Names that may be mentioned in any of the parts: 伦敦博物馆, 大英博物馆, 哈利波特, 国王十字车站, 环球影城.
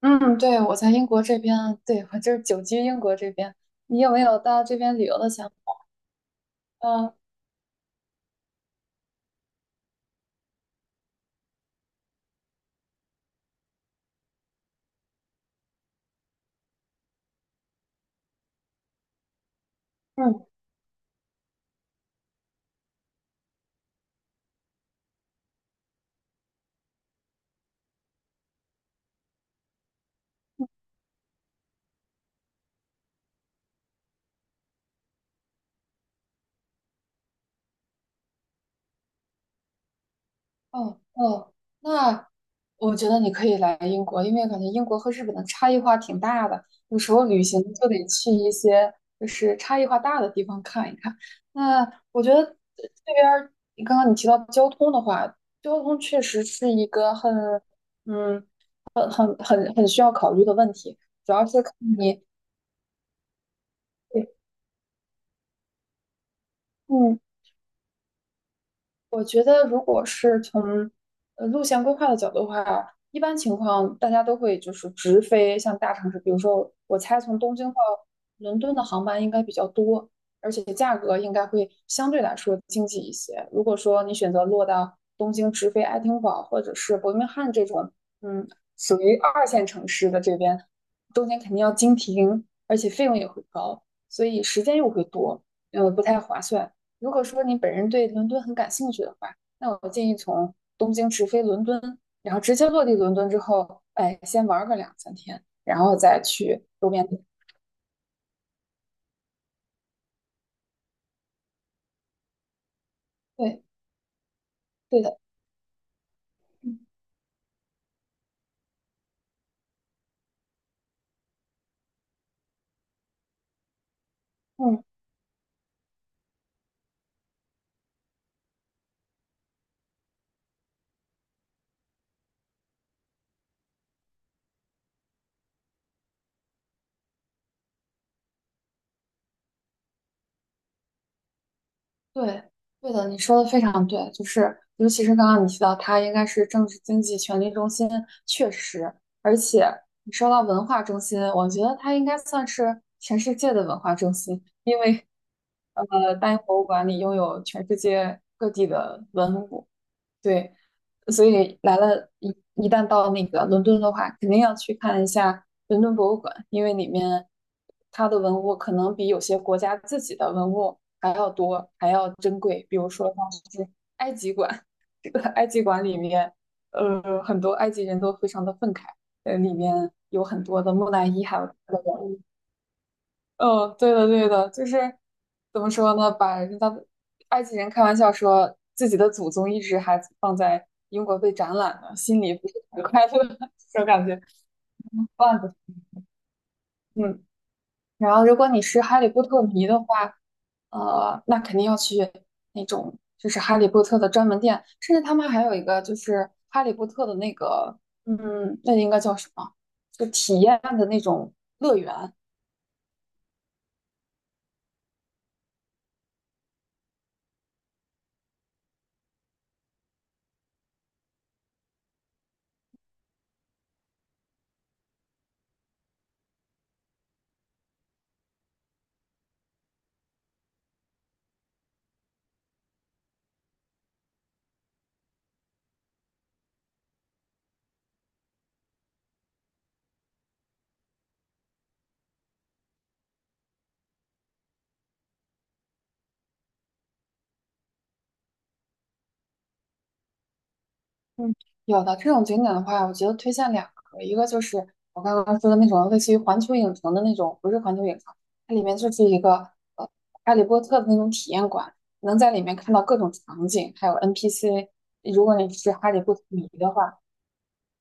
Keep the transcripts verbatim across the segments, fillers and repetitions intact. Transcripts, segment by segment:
嗯，对，我在英国这边，对，我就是久居英国这边。你有没有到这边旅游的想法？嗯嗯。哦哦，那我觉得你可以来英国，因为感觉英国和日本的差异化挺大的。有时候旅行就得去一些就是差异化大的地方看一看。那我觉得这边儿，你刚刚你提到交通的话，交通确实是一个很嗯很很很需要考虑的问题，主要是看你。嗯。我觉得，如果是从呃路线规划的角度的话，一般情况大家都会就是直飞像大城市，比如说我猜从东京到伦敦的航班应该比较多，而且价格应该会相对来说经济一些。如果说你选择落到东京直飞爱丁堡或者是伯明翰这种，嗯，属于二线城市的这边，中间肯定要经停，而且费用也会高，所以时间又会多，呃，不太划算。如果说你本人对伦敦很感兴趣的话，那我建议从东京直飞伦敦，然后直接落地伦敦之后，哎，先玩个两三天，然后再去周边地。对，对的，嗯，嗯。对，对的，你说的非常对，就是尤其是刚刚你提到它应该是政治经济权力中心，确实，而且你说到文化中心，我觉得它应该算是全世界的文化中心，因为呃，大英博物馆里拥有全世界各地的文物，对，所以来了一一旦到那个伦敦的话，肯定要去看一下伦敦博物馆，因为里面它的文物可能比有些国家自己的文物还要多，还要珍贵。比如说像是埃及馆，这个埃及馆里面，呃，很多埃及人都非常的愤慨，呃，里面有很多的木乃伊，还有它的文物。嗯，对的，对的，就是怎么说呢？把人家的埃及人开玩笑说自己的祖宗一直还放在英国被展览呢，心里不是很快乐，这种感觉。段子，嗯。然后，如果你是哈利波特迷的话，呃，那肯定要去那种就是哈利波特的专门店，甚至他们还有一个就是哈利波特的那个，嗯，那应该叫什么？就体验的那种乐园，嗯，有的这种景点的话，我觉得推荐两个，一个就是我刚刚说的那种类似于环球影城的那种，不是环球影城，它里面就是一个呃哈利波特的那种体验馆，能在里面看到各种场景，还有 N P C。如果你是哈利波特迷的话，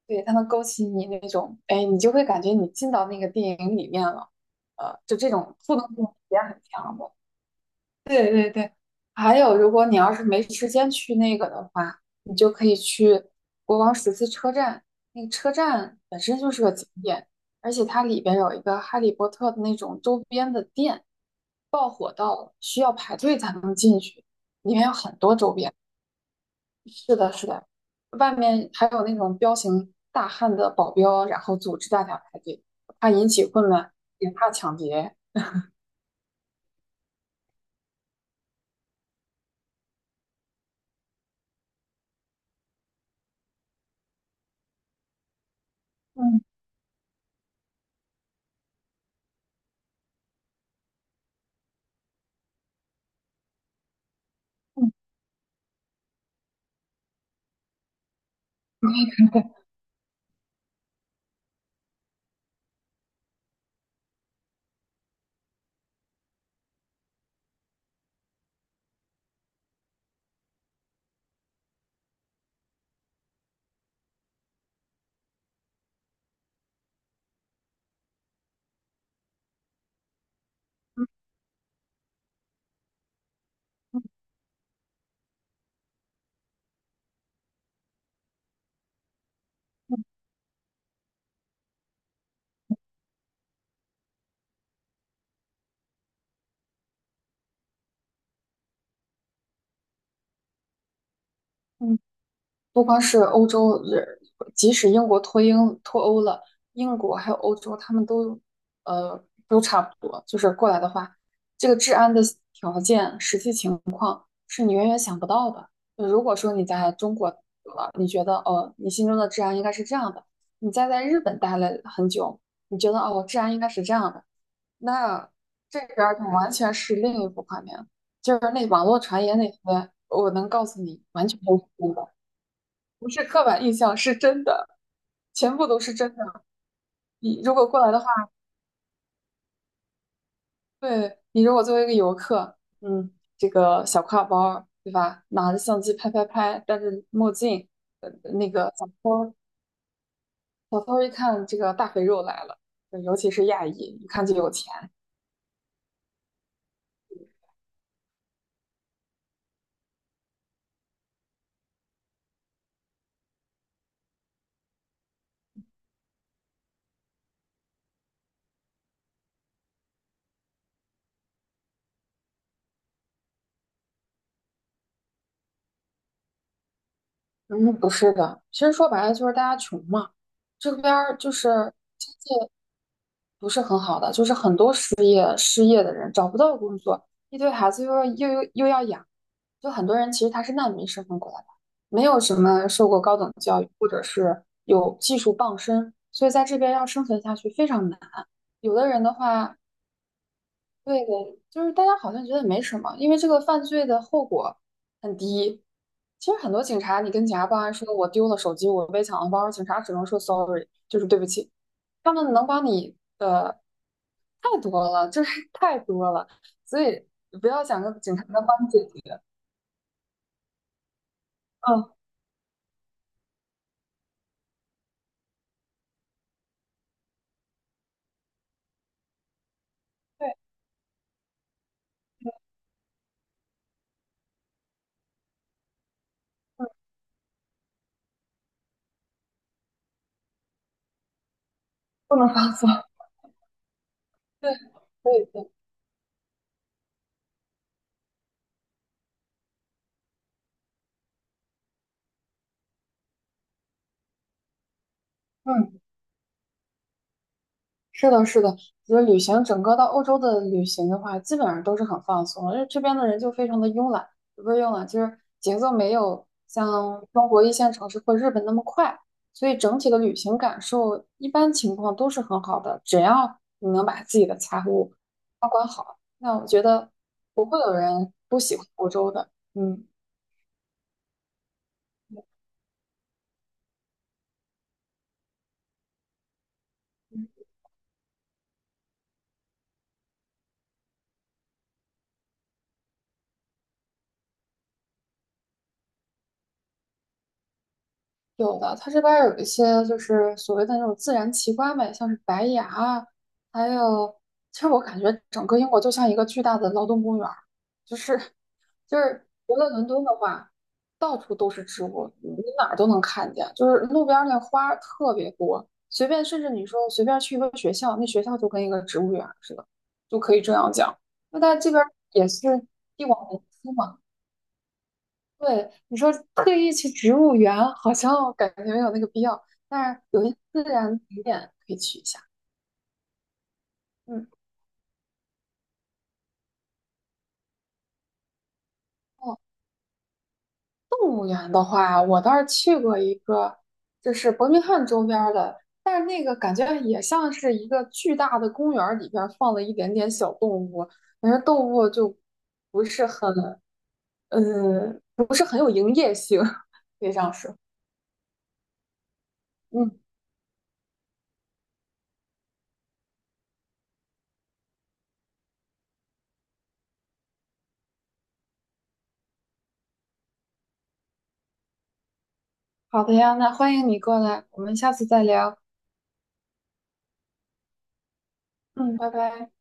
对，它能勾起你那种，哎，你就会感觉你进到那个电影里面了，呃，就这种互动性体验很强。对对对，还有，如果你要是没时间去那个的话，你就可以去国王十字车站。那个车站本身就是个景点，而且它里边有一个《哈利波特》的那种周边的店，排队才能进去。里面有很多周边。是的，是的，外面还有那种彪形大汉的保镖，然后组织大家排队，怕引起混乱，也怕抢劫。嗯嗯嗯嗯嗯。不光是欧洲，呃即使英国脱英脱欧了，英国还有欧洲，他们都呃都差不多。就是过来的话，这个治安的条件、实际情况是你远远想不到的。就如果说你在中国了，你觉得哦，你心中的治安应该是这样的；你再在日本待了很久，你觉得哦，治安应该是这样的。那这边儿就完全是另一幅画面，就是那网络传言那些，我能告诉你，完全都是真的。不是刻板印象，是真的，全部都是真的。你如果过来的话，对，你如果作为一个游客，嗯，这个小挎包儿对吧？拿着相机拍拍拍，戴着墨镜，呃，那个小偷儿，小偷儿一看这个大肥肉来了，呃尤其是亚裔，一看就有钱，嗯，不是的，其实说白了就是大家穷嘛，这边儿就是经济不是很好的，就是很多失业失业的人找不到工作，一堆孩子又要又又又要养，就很多人其实他是难民身份过来的，没有什么受过高等教育或者是有技术傍身，所以在这边要生存下去非常难。有的人的话，对的，就是大家好像觉得没什么，因为这个犯罪的后果很低。其实很多警察，你跟警察报案说我丢了手机，我被抢了包，警察只能说 sorry，就是对不起。他们能帮你的太多了，就是 太多了，所以不要想着警察能帮你解决。嗯，对，嗯，不能放松。对，可以的。嗯。是的，是的，就是旅行，整个到欧洲的旅行的话，基本上都是很放松的，因为这边的人就非常的慵懒，不是慵懒，就是节奏没有像中国一线城市或日本那么快，所以整体的旅行感受一般情况都是很好的，只要你能把自己的财务，那我觉得不会有人不喜欢欧洲的，嗯。有的，它这边儿有一些就是所谓的那种自然奇观呗，像是白崖啊还有，其实我感觉整个英国就像一个巨大的劳动公园儿，就是就是除了伦敦的话，到处都是植物，你哪儿都能看见，就是路边儿那花儿特别多，随便甚至你说随便去一个学校，那学校就跟一个植物园儿似的，就可以这样讲。那它这边儿也是地广人稀嘛。对，你说特意去植物园，好像感觉没有那个必要，但是有一些自然景点可以去一下。嗯，哦，动物园的话，我倒是去过一个，就是伯明翰周边儿的，但是那个感觉也像是一个巨大的公园儿里边儿放了一点点小动物，但是动物就不是很，嗯，不是很有营业性，可以这样说。嗯，好的呀，那欢迎你过来，我们下次再聊。嗯，拜拜。